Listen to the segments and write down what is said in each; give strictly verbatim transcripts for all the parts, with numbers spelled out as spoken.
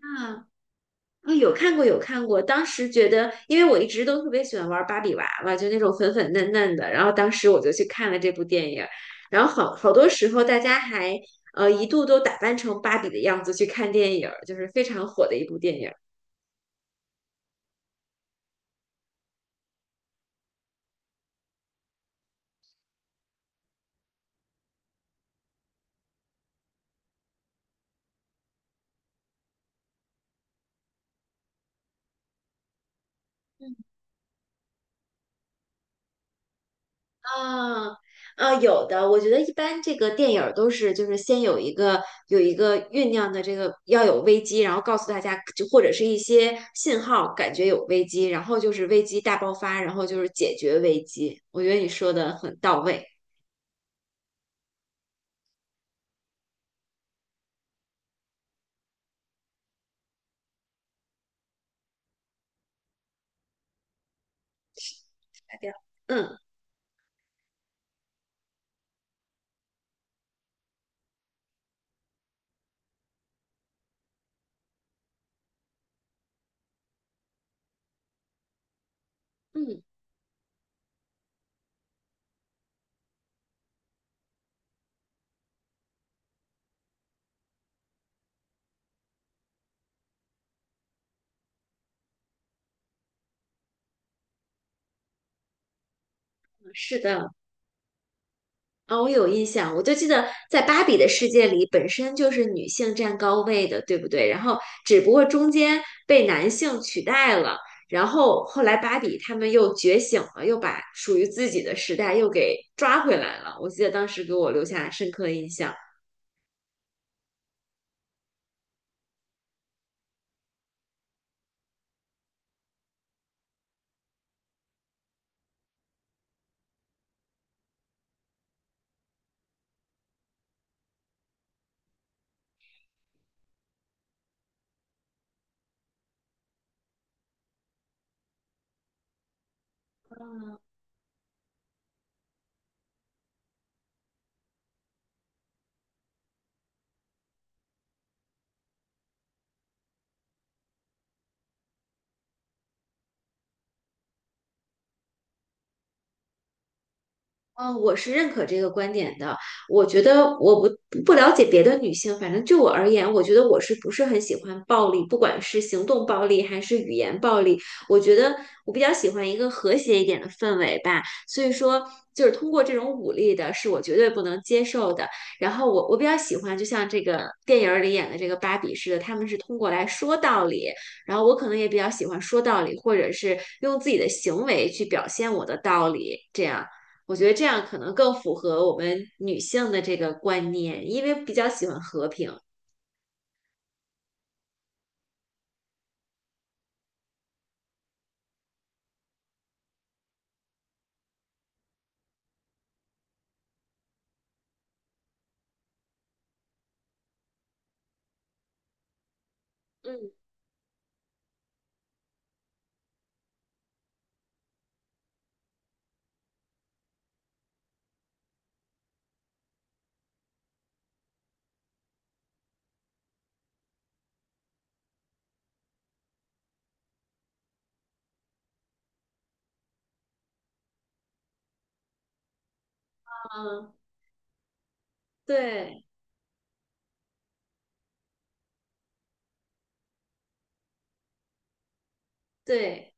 啊，啊有看过，有看过。当时觉得，因为我一直都特别喜欢玩芭比娃娃，就那种粉粉嫩嫩的。然后当时我就去看了这部电影，然后好好多时候大家还呃一度都打扮成芭比的样子去看电影，就是非常火的一部电影。啊啊，有的，我觉得一般这个电影儿都是就是先有一个有一个酝酿的这个要有危机，然后告诉大家就或者是一些信号，感觉有危机，然后就是危机大爆发，然后就是解决危机。我觉得你说的很到位。代表嗯嗯，是的。啊、我有印象，我就记得在芭比的世界里，本身就是女性占高位的，对不对？然后只不过中间被男性取代了，然后后来芭比他们又觉醒了，又把属于自己的时代又给抓回来了。我记得当时给我留下深刻印象。嗯，我是认可这个观点的。我觉得我不不了解别的女性，反正就我而言，我觉得我是不是很喜欢暴力，不管是行动暴力还是语言暴力，我觉得我比较喜欢一个和谐一点的氛围吧。所以说，就是通过这种武力的，是我绝对不能接受的。然后我我比较喜欢，就像这个电影儿里演的这个芭比似的，他们是通过来说道理，然后我可能也比较喜欢说道理，或者是用自己的行为去表现我的道理，这样。我觉得这样可能更符合我们女性的这个观念，因为比较喜欢和平。嗯嗯，对对。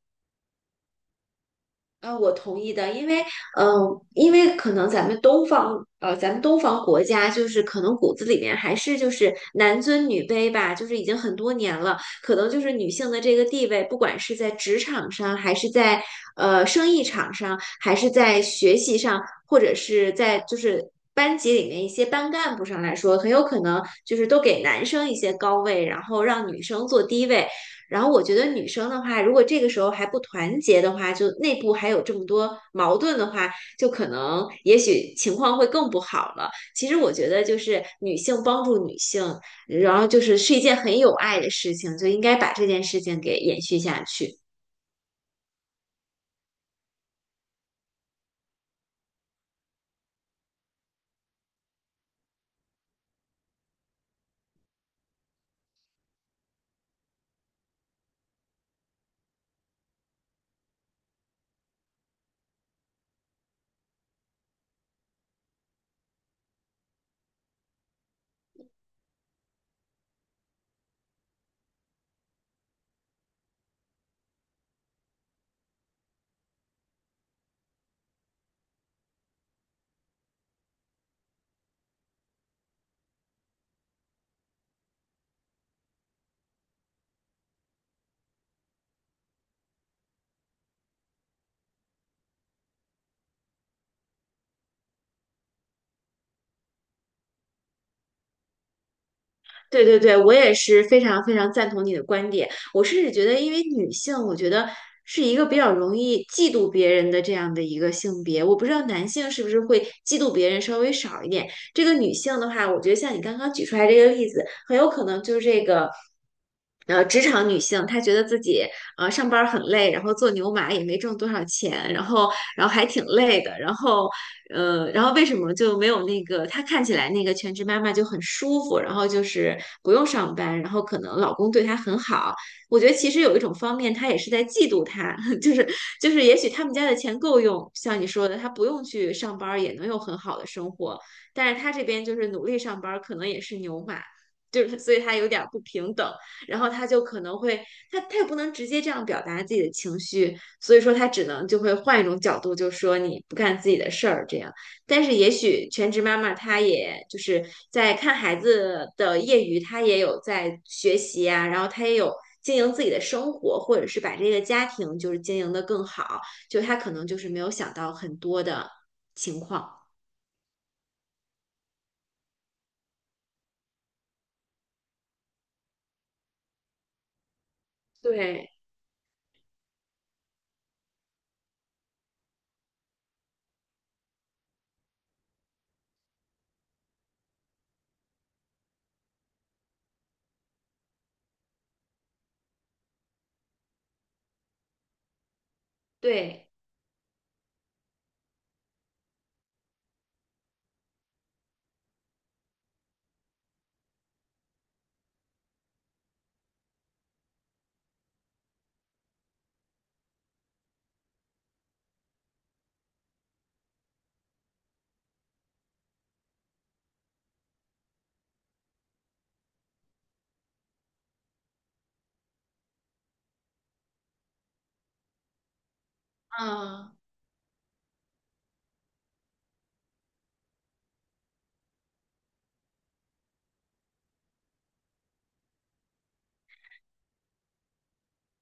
呃，我同意的，因为，嗯、因为可能咱们东方，呃，咱们东方国家就是可能骨子里面还是就是男尊女卑吧，就是已经很多年了，可能就是女性的这个地位，不管是在职场上，还是在呃生意场上，还是在学习上，或者是在就是班级里面一些班干部上来说，很有可能就是都给男生一些高位，然后让女生做低位。然后我觉得女生的话，如果这个时候还不团结的话，就内部还有这么多矛盾的话，就可能也许情况会更不好了。其实我觉得就是女性帮助女性，然后就是是一件很有爱的事情，就应该把这件事情给延续下去。对对对，我也是非常非常赞同你的观点。我甚至觉得，因为女性，我觉得是一个比较容易嫉妒别人的这样的一个性别。我不知道男性是不是会嫉妒别人稍微少一点。这个女性的话，我觉得像你刚刚举出来这个例子，很有可能就是这个。呃，职场女性她觉得自己呃上班儿很累，然后做牛马也没挣多少钱，然后然后还挺累的，然后呃，然后为什么就没有那个她看起来那个全职妈妈就很舒服，然后就是不用上班，然后可能老公对她很好。我觉得其实有一种方面，她也是在嫉妒她，就是就是也许他们家的钱够用，像你说的，她不用去上班儿也能有很好的生活，但是她这边就是努力上班儿，可能也是牛马。就是所以她有点儿不平等，然后她就可能会，她她也不能直接这样表达自己的情绪，所以说他只能就会换一种角度，就说你不干自己的事儿这样。但是也许全职妈妈她也就是在看孩子的业余，她也有在学习啊，然后她也有经营自己的生活，或者是把这个家庭就是经营的更好，就她可能就是没有想到很多的情况。对对，嗯。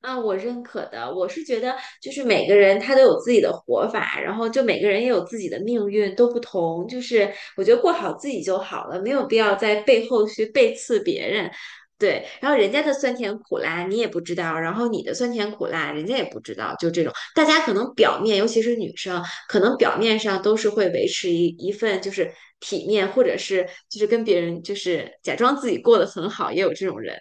啊，我认可的。我是觉得，就是每个人他都有自己的活法，然后就每个人也有自己的命运，都不同。就是我觉得过好自己就好了，没有必要在背后去背刺别人。对，然后人家的酸甜苦辣你也不知道，然后你的酸甜苦辣人家也不知道，就这种，大家可能表面，尤其是女生，可能表面上都是会维持一一份就是体面，或者是就是跟别人就是假装自己过得很好，也有这种人。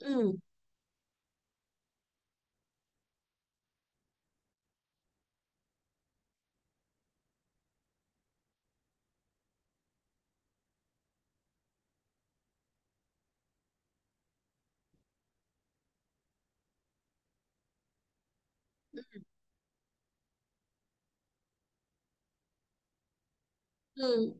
嗯嗯。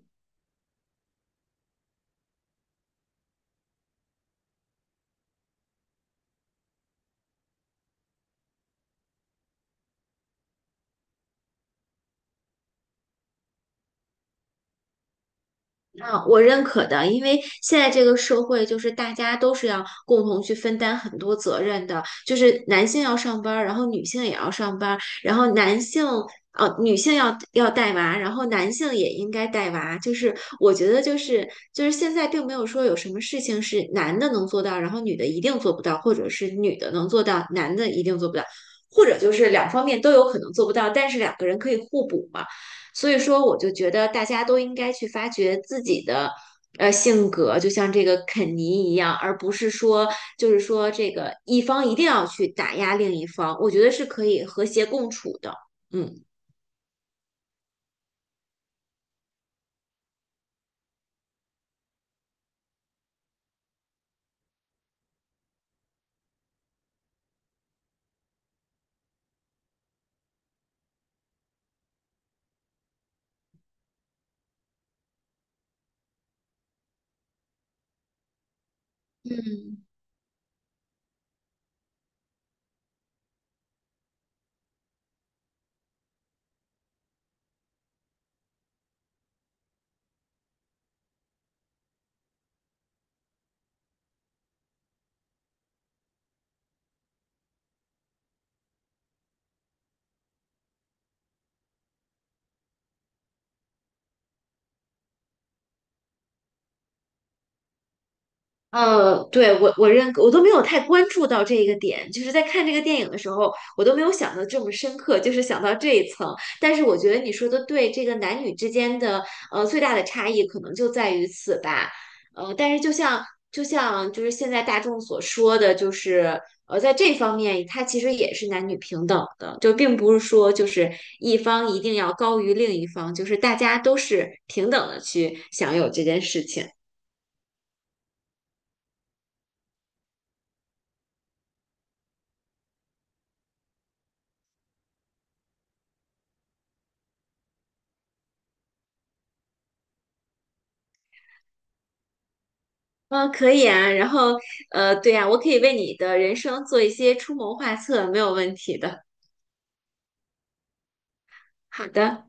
啊，我认可的，因为现在这个社会就是大家都是要共同去分担很多责任的，就是男性要上班儿，然后女性也要上班儿，然后男性呃女性要要带娃，然后男性也应该带娃。就是我觉得就是就是现在并没有说有什么事情是男的能做到，然后女的一定做不到，或者是女的能做到，男的一定做不到，或者就是两方面都有可能做不到，但是两个人可以互补嘛。所以说，我就觉得大家都应该去发掘自己的呃性格，就像这个肯尼一样，而不是说就是说这个一方一定要去打压另一方，我觉得是可以和谐共处的。嗯。嗯，呃，对，我我认可，我都没有太关注到这一个点，就是在看这个电影的时候，我都没有想到这么深刻，就是想到这一层。但是我觉得你说的对，这个男女之间的呃最大的差异可能就在于此吧。呃，但是就像就像就是现在大众所说的，就是呃在这方面，它其实也是男女平等的，就并不是说就是一方一定要高于另一方，就是大家都是平等的去享有这件事情。嗯，可以啊。然后，呃，对呀，我可以为你的人生做一些出谋划策，没有问题的。好的。